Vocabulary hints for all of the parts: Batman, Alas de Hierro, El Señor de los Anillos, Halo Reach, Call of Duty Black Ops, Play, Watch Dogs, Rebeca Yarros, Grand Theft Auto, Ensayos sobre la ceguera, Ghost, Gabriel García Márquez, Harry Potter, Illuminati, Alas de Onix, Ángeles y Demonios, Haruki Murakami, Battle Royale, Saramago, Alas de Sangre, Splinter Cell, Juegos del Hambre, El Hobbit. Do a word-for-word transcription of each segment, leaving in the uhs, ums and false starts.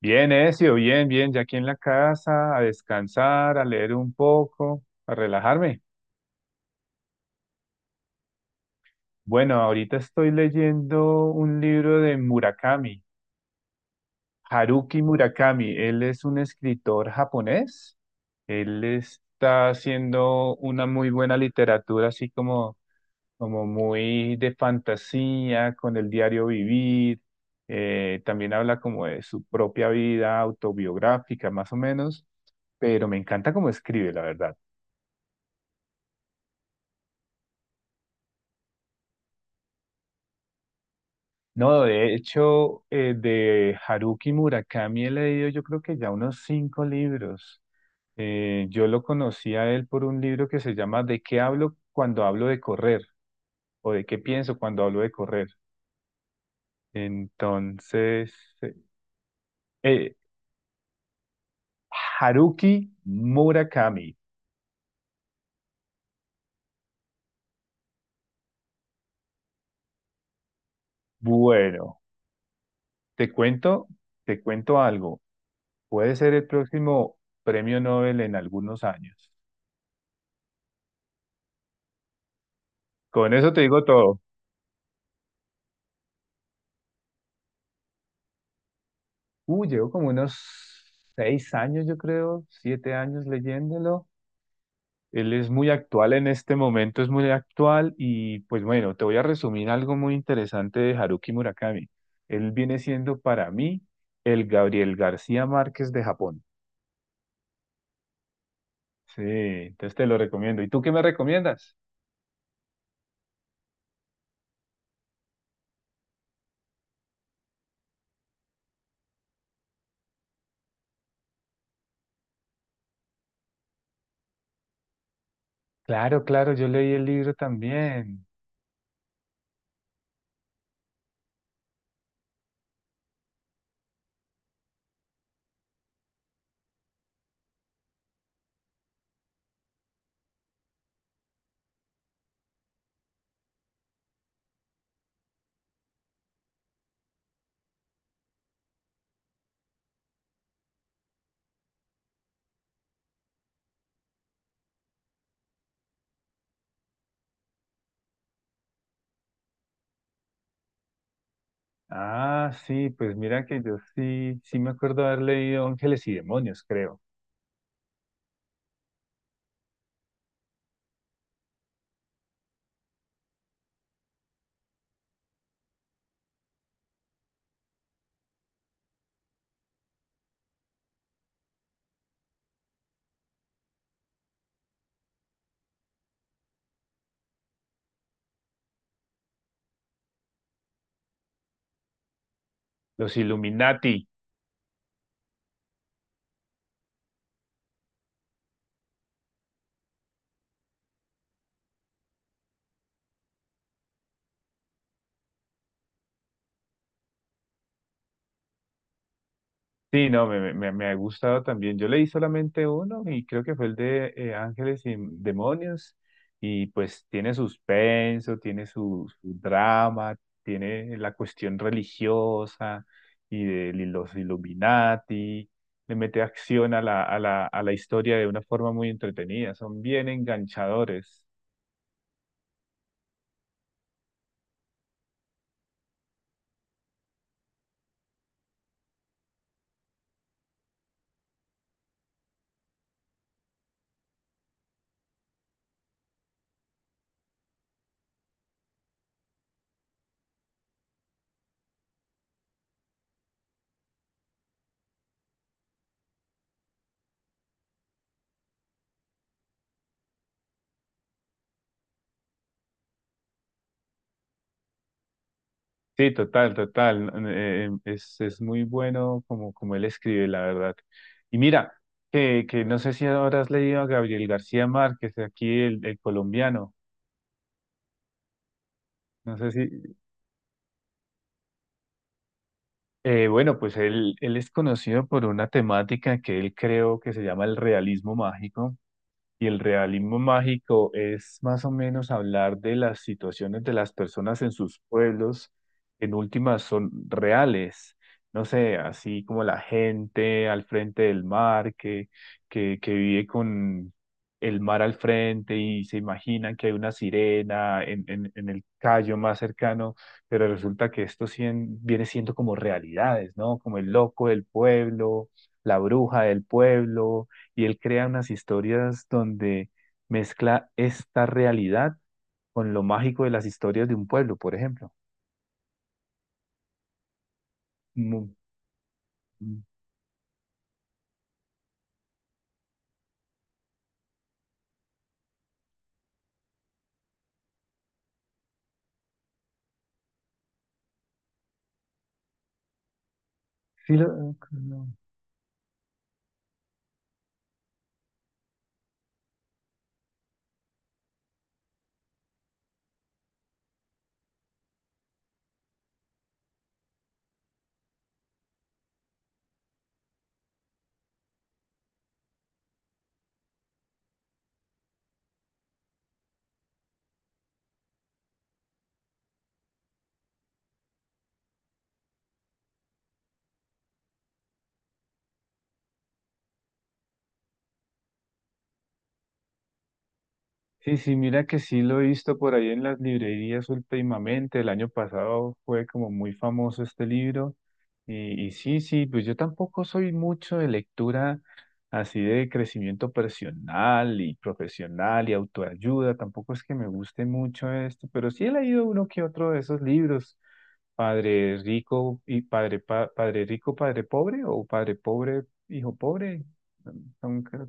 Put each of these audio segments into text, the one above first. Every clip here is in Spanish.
Bien, Ezio, bien, bien, ya aquí en la casa, a descansar, a leer un poco, a relajarme. Bueno, ahorita estoy leyendo un libro de Murakami, Haruki Murakami. Él es un escritor japonés. Él está haciendo una muy buena literatura, así como, como muy de fantasía, con el diario vivir. Eh, también habla como de su propia vida autobiográfica, más o menos, pero me encanta cómo escribe, la verdad. No, de hecho, eh, de Haruki Murakami he leído yo creo que ya unos cinco libros. Eh, yo lo conocí a él por un libro que se llama ¿De qué hablo cuando hablo de correr? O ¿De qué pienso cuando hablo de correr? Entonces, eh, eh, Haruki Murakami. Bueno, te cuento, te cuento algo. Puede ser el próximo premio Nobel en algunos años. Con eso te digo todo. Uh, llevo como unos seis años, yo creo, siete años leyéndolo. Él es muy actual en este momento, es muy actual y pues bueno, te voy a resumir algo muy interesante de Haruki Murakami. Él viene siendo para mí el Gabriel García Márquez de Japón. Sí, entonces te lo recomiendo. ¿Y tú qué me recomiendas? Claro, claro, yo leí el libro también. Ah, sí, pues mira que yo sí, sí me acuerdo haber leído Ángeles y Demonios, creo. Los Illuminati. Sí, no, me, me, me ha gustado también. Yo leí solamente uno y creo que fue el de eh, Ángeles y Demonios. Y pues tiene suspenso, tiene su, su drama, tiene la cuestión religiosa y de li- los Illuminati. Le mete acción a la, a la, a la historia de una forma muy entretenida. Son bien enganchadores. Sí, total, total, ¿no? Eh, eh, es, es muy bueno como, como él escribe, la verdad. Y mira, que, que no sé si ahora has leído a Gabriel García Márquez, aquí el, el colombiano. No sé si... eh, bueno, pues él, él es conocido por una temática que él creó que se llama el realismo mágico. Y el realismo mágico es más o menos hablar de las situaciones de las personas en sus pueblos, en últimas son reales, no sé, así como la gente al frente del mar, que, que, que vive con el mar al frente y se imaginan que hay una sirena en, en, en el callo más cercano, pero resulta que esto sien- viene siendo como realidades, ¿no? Como el loco del pueblo, la bruja del pueblo y él crea unas historias donde mezcla esta realidad con lo mágico de las historias de un pueblo, por ejemplo. Mu- Sí, lo- ah, ok, no. Sí, sí, mira que sí lo he visto por ahí en las librerías últimamente. El año pasado fue como muy famoso este libro. Y, y sí, sí, pues yo tampoco soy mucho de lectura así de crecimiento personal y profesional y autoayuda. Tampoco es que me guste mucho esto, pero sí he leído uno que otro de esos libros. Padre rico y padre pa- padre rico, padre pobre o padre pobre, hijo pobre. Son- creo-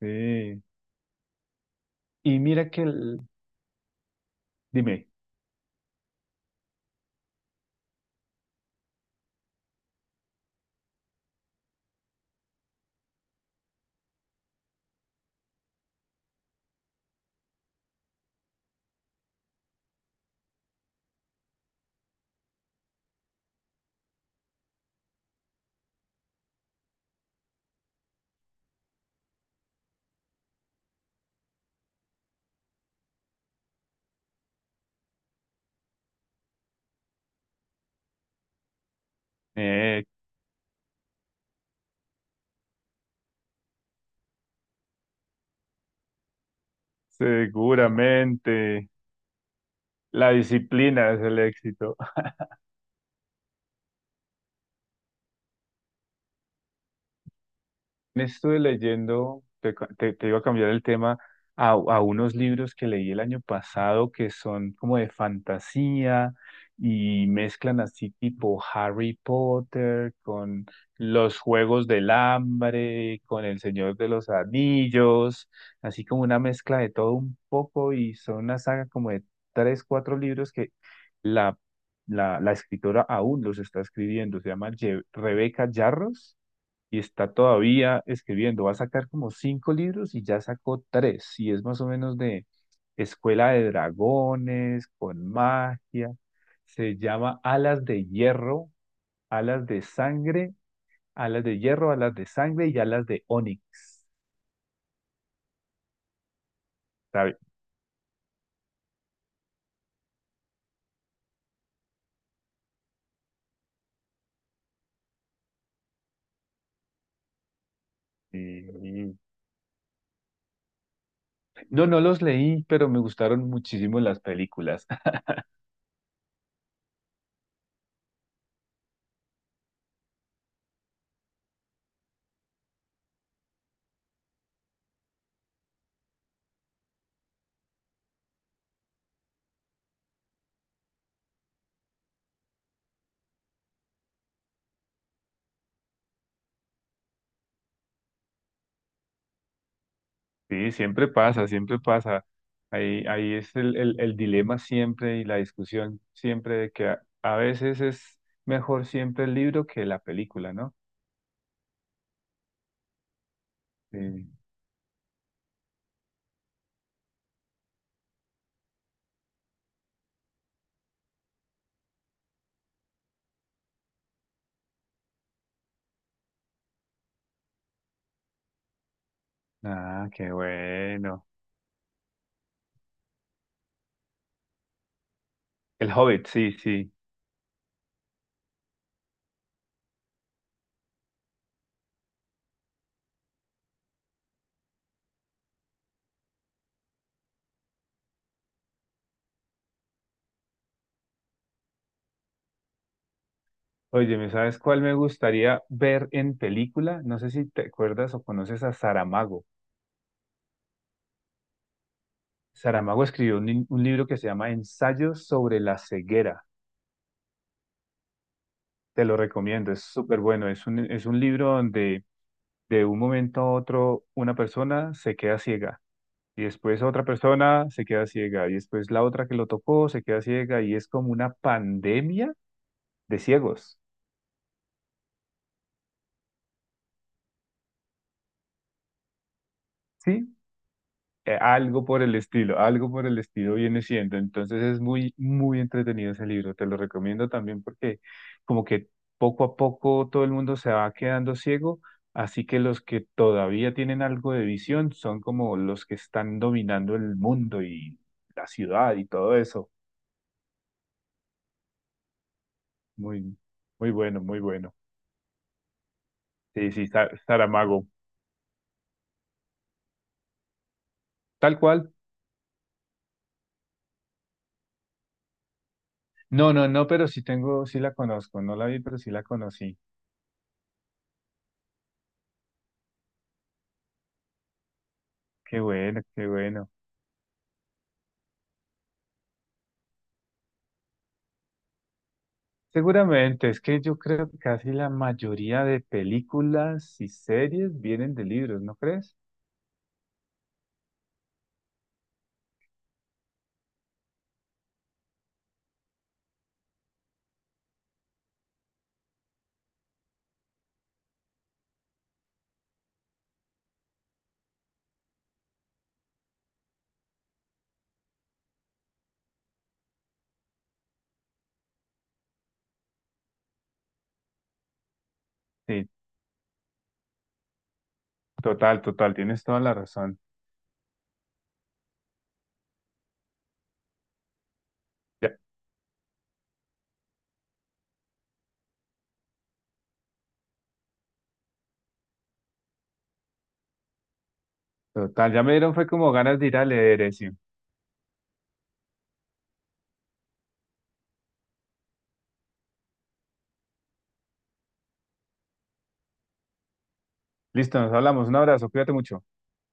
Sí. Y mira que el- dime. Eh, Seguramente la disciplina es el éxito. Estuve leyendo, te, cu- te, te iba a cambiar el tema, a a unos libros que leí el año pasado que son como de fantasía y mezclan así tipo Harry Potter con los Juegos del Hambre, con El Señor de los Anillos, así como una mezcla de todo un poco y son una saga como de tres, cuatro libros que la, la, la escritora aún los está escribiendo, se llama Ye- Rebeca Yarros y está todavía escribiendo. Va a sacar como cinco libros y ya sacó tres, y es más o menos de Escuela de Dragones, con magia. Se llama Alas de Hierro, Alas de Sangre, Alas de Hierro, Alas de Sangre y Alas de Onix. ¿Sabe? Y- No, no los leí, pero me gustaron muchísimo las películas. Sí, siempre pasa, siempre pasa. Ahí, ahí es el, el, el dilema siempre y la discusión siempre de que a, a veces es mejor siempre el libro que la película, ¿no? Sí. Ah, qué bueno. El Hobbit, sí, sí. Oye, ¿me sabes cuál me gustaría ver en película? No sé si te acuerdas o conoces a Saramago. Saramago escribió un, un libro que se llama Ensayos sobre la ceguera. Te lo recomiendo, es súper bueno. Es un, es un libro donde de un momento a otro una persona se queda ciega y después otra persona se queda ciega y después la otra que lo tocó se queda ciega y es como una pandemia de ciegos, ¿sí? Eh, algo por el estilo, algo por el estilo viene siendo. Entonces es muy, muy entretenido ese libro. Te lo recomiendo también porque como que poco a poco todo el mundo se va quedando ciego. Así que los que todavía tienen algo de visión son como los que están dominando el mundo y la ciudad y todo eso. Muy, muy bueno, muy bueno. Sí, sí, Sa- Saramago. Tal cual. No, no, no, pero sí tengo, sí la conozco. No la vi, pero sí la conocí. Qué bueno, qué bueno. Seguramente, es que yo creo que casi la mayoría de películas y series vienen de libros, ¿no crees? Sí, total, total, tienes toda la razón. Ya, total, ya me dieron, fue como ganas de ir a leer eso. Listo, nos hablamos. Un abrazo, cuídate mucho.